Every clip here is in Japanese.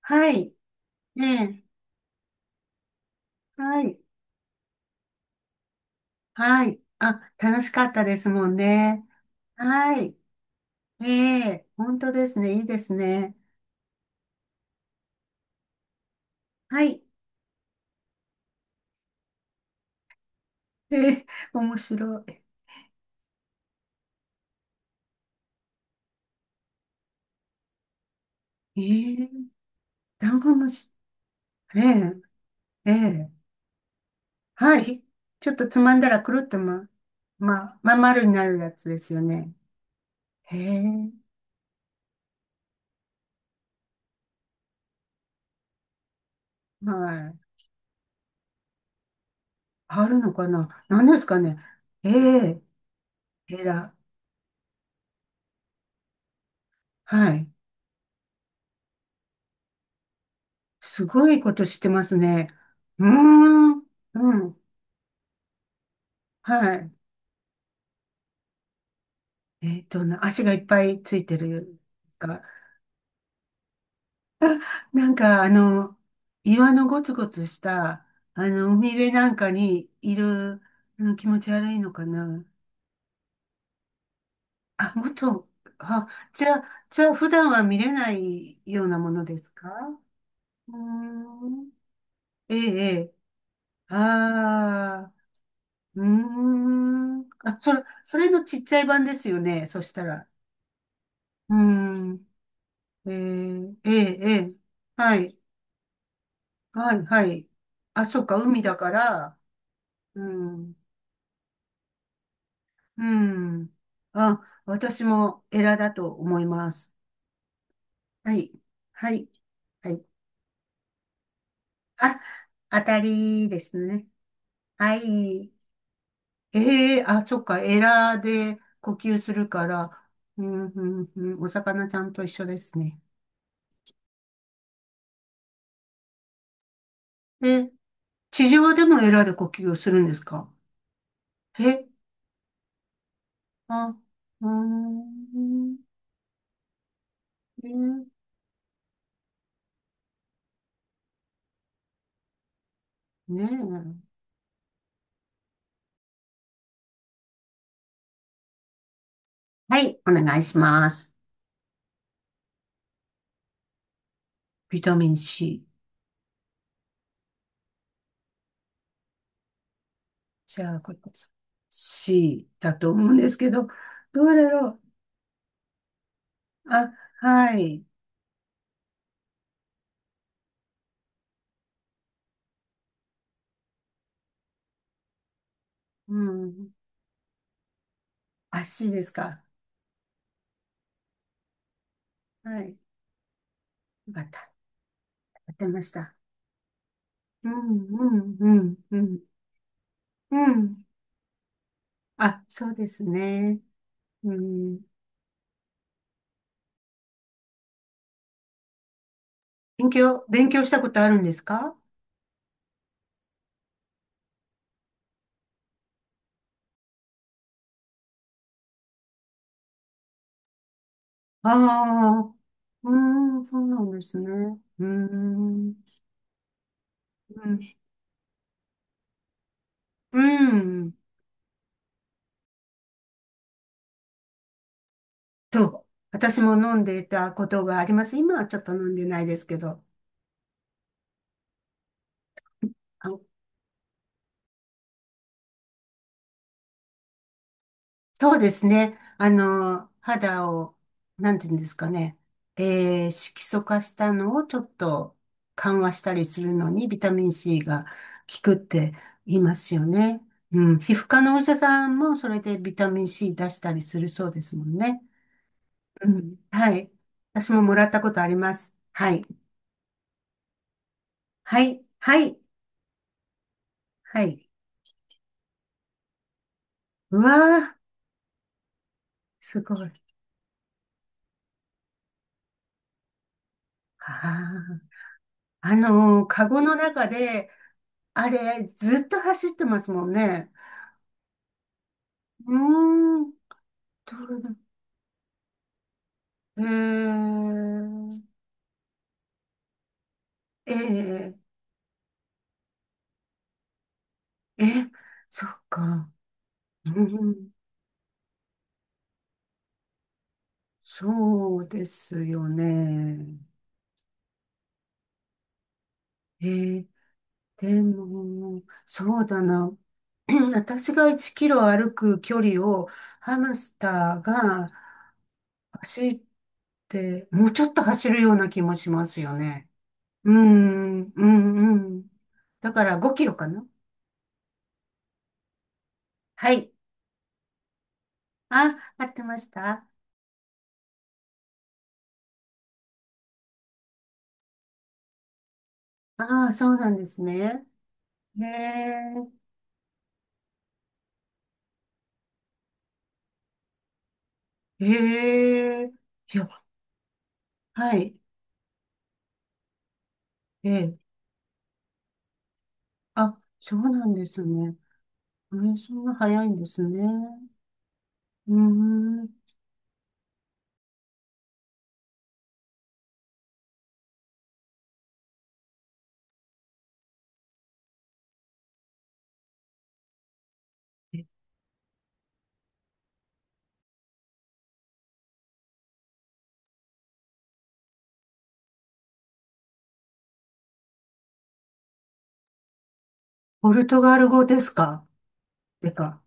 はい。ねえ。はい。はい。あ、楽しかったですもんね。はい。ええ、本当ですね。いいですね。はい。ええ、面白い。ええ、ダンゴムシ。ええ、ええ。はい。ちょっとつまんだらくるっとまん丸になるやつですよね。へえ、はい。あるのかな、何ですかね。ええ、えら。はい。すごいことしてますね。うーん。うん。はい。えっと、な足がいっぱいついてるか。なんか、あの、岩のゴツゴツした、あの、海辺なんかにいる、あの、気持ち悪いのかな。あ、もっと、あ、じゃあ、普段は見れないようなものですか？うーん。ええ、ええ。ああ、うーん。あ、それのちっちゃい版ですよね。そしたら。うーん。ええ、ええ、ええ。はい。はい、はい。あ、そっか、海だから、うん、うん。あ、私もエラだと思います。はい、はい、はい。あ、当たりですね。はい。ええ、あ、そっか、エラで呼吸するから、うん、うん、うん、お魚ちゃんと一緒ですね。え、地上でもエラで呼吸をするんですか？え、あ、うーん、ね、ねえ。はい、お願いします。ビタミン C。じゃあ、これ C だと思うんですけど、どうだろう。あ、はい。うん。あ、C ですか？はい。よかった。やってました。うん、うん、うん、うん。うん。あ、そうですね。うん。勉強、勉強したことあるんですか？ああ、うん、そうなんですね。うん、うん、うん。と、私も飲んでいたことがあります。今はちょっと飲んでないですけど。あ、そうですね。あの、肌を、なんていうんですかね。えー、色素化したのをちょっと緩和したりするのにビタミン C が効くって言いますよね。うん。皮膚科のお医者さんもそれでビタミン C 出したりするそうですもんね。うん。はい。私ももらったことあります。はい。はい。はい。はい。うわー、すごい。ああ。あのー、カゴの中で、あれ、ずっと走ってますもんね。うーん、どれだ、へえー、ええ、え、そっか。うん、そうですよね。えー、でも、そうだな。私が1キロ歩く距離をハムスターが走って、もうちょっと走るような気もしますよね。うん、うん、うん。だから5キロかな。はい。あ、合ってました？ああ、そうなんですね。へえ、へえ、いや、はい、ええ、あ、そうなんですね。ええ、そんな早いんですね。うーん、ポルトガル語ですか？てか、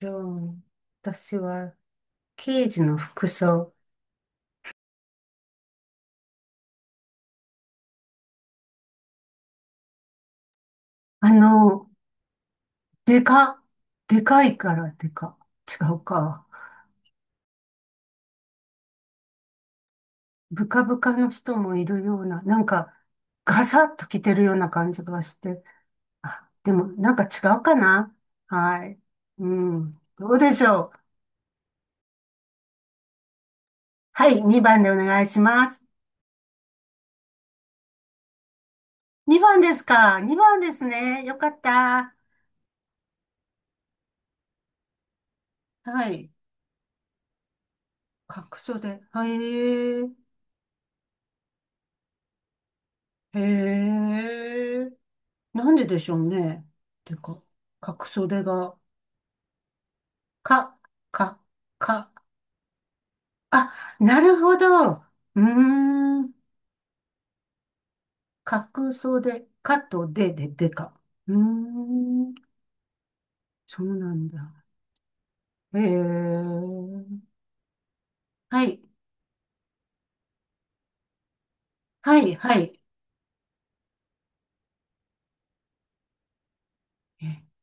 じゃあ、私は、刑事の服装。あの、でか、でかいからでか。違うか。ブカブカの人もいるような、なんか、ガサッと着てるような感じがして、あ、でも、なんか違うかな？はい。うん。どうでしょう？はい、2番でお願いします。2番ですか？ 2 番ですね。よかった。はい。各所で。はい。へえ。なんででしょうね。てか、角袖が、か、か、か。あ、なるほど。うーん。角袖、かとでででか。うーん。そうなんだ。えー、はい、はい、はい。え、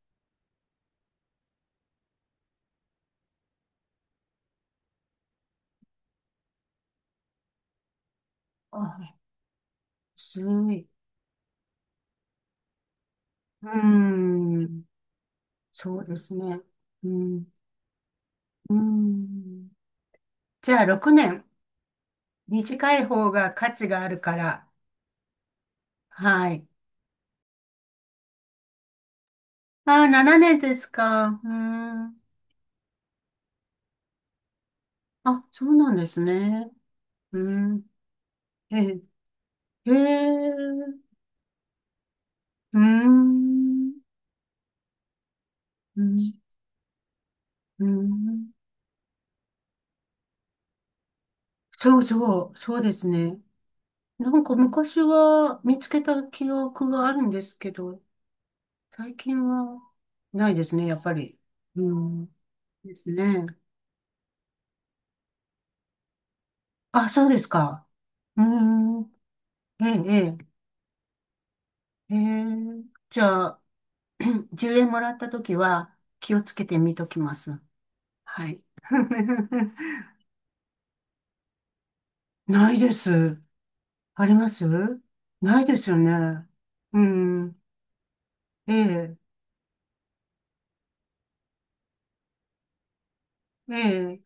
あ、すごい。うーん、そうですね。うん、うーん。じゃあ、6年。短い方が価値があるから。はい。ああ、7年ですか。うーん。あ、そうなんですね。うーん。えー、えー、うーん、うん、うん。そうそう、そうですね。なんか昔は見つけた記憶があるんですけど、最近はないですね、やっぱり。うん。ですね。あ、そうですか。うん。ええ、ええ。ええ、じゃあ、10円もらったときは気をつけて見ときます。はい。ないです。あります？ないですよね。うん。ええ、ええ、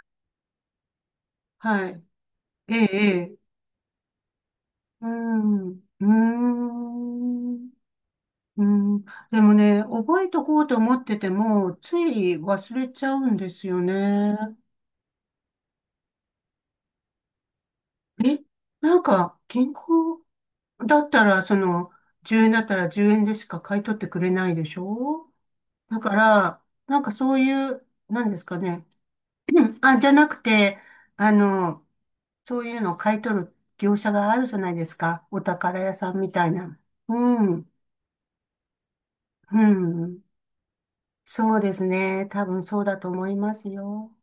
はい。ええ、ええ、うん。うーん。うん、でもね、覚えとこうと思ってても、つい忘れちゃうんですよね。え、なんか、銀行だったら、その、10円だったら10円でしか買い取ってくれないでしょ？だから、なんかそういう、なんですかね。うん、あ、じゃなくて、あの、そういうのを買い取る業者があるじゃないですか。お宝屋さんみたいな。うん、うん。そうですね。多分そうだと思いますよ。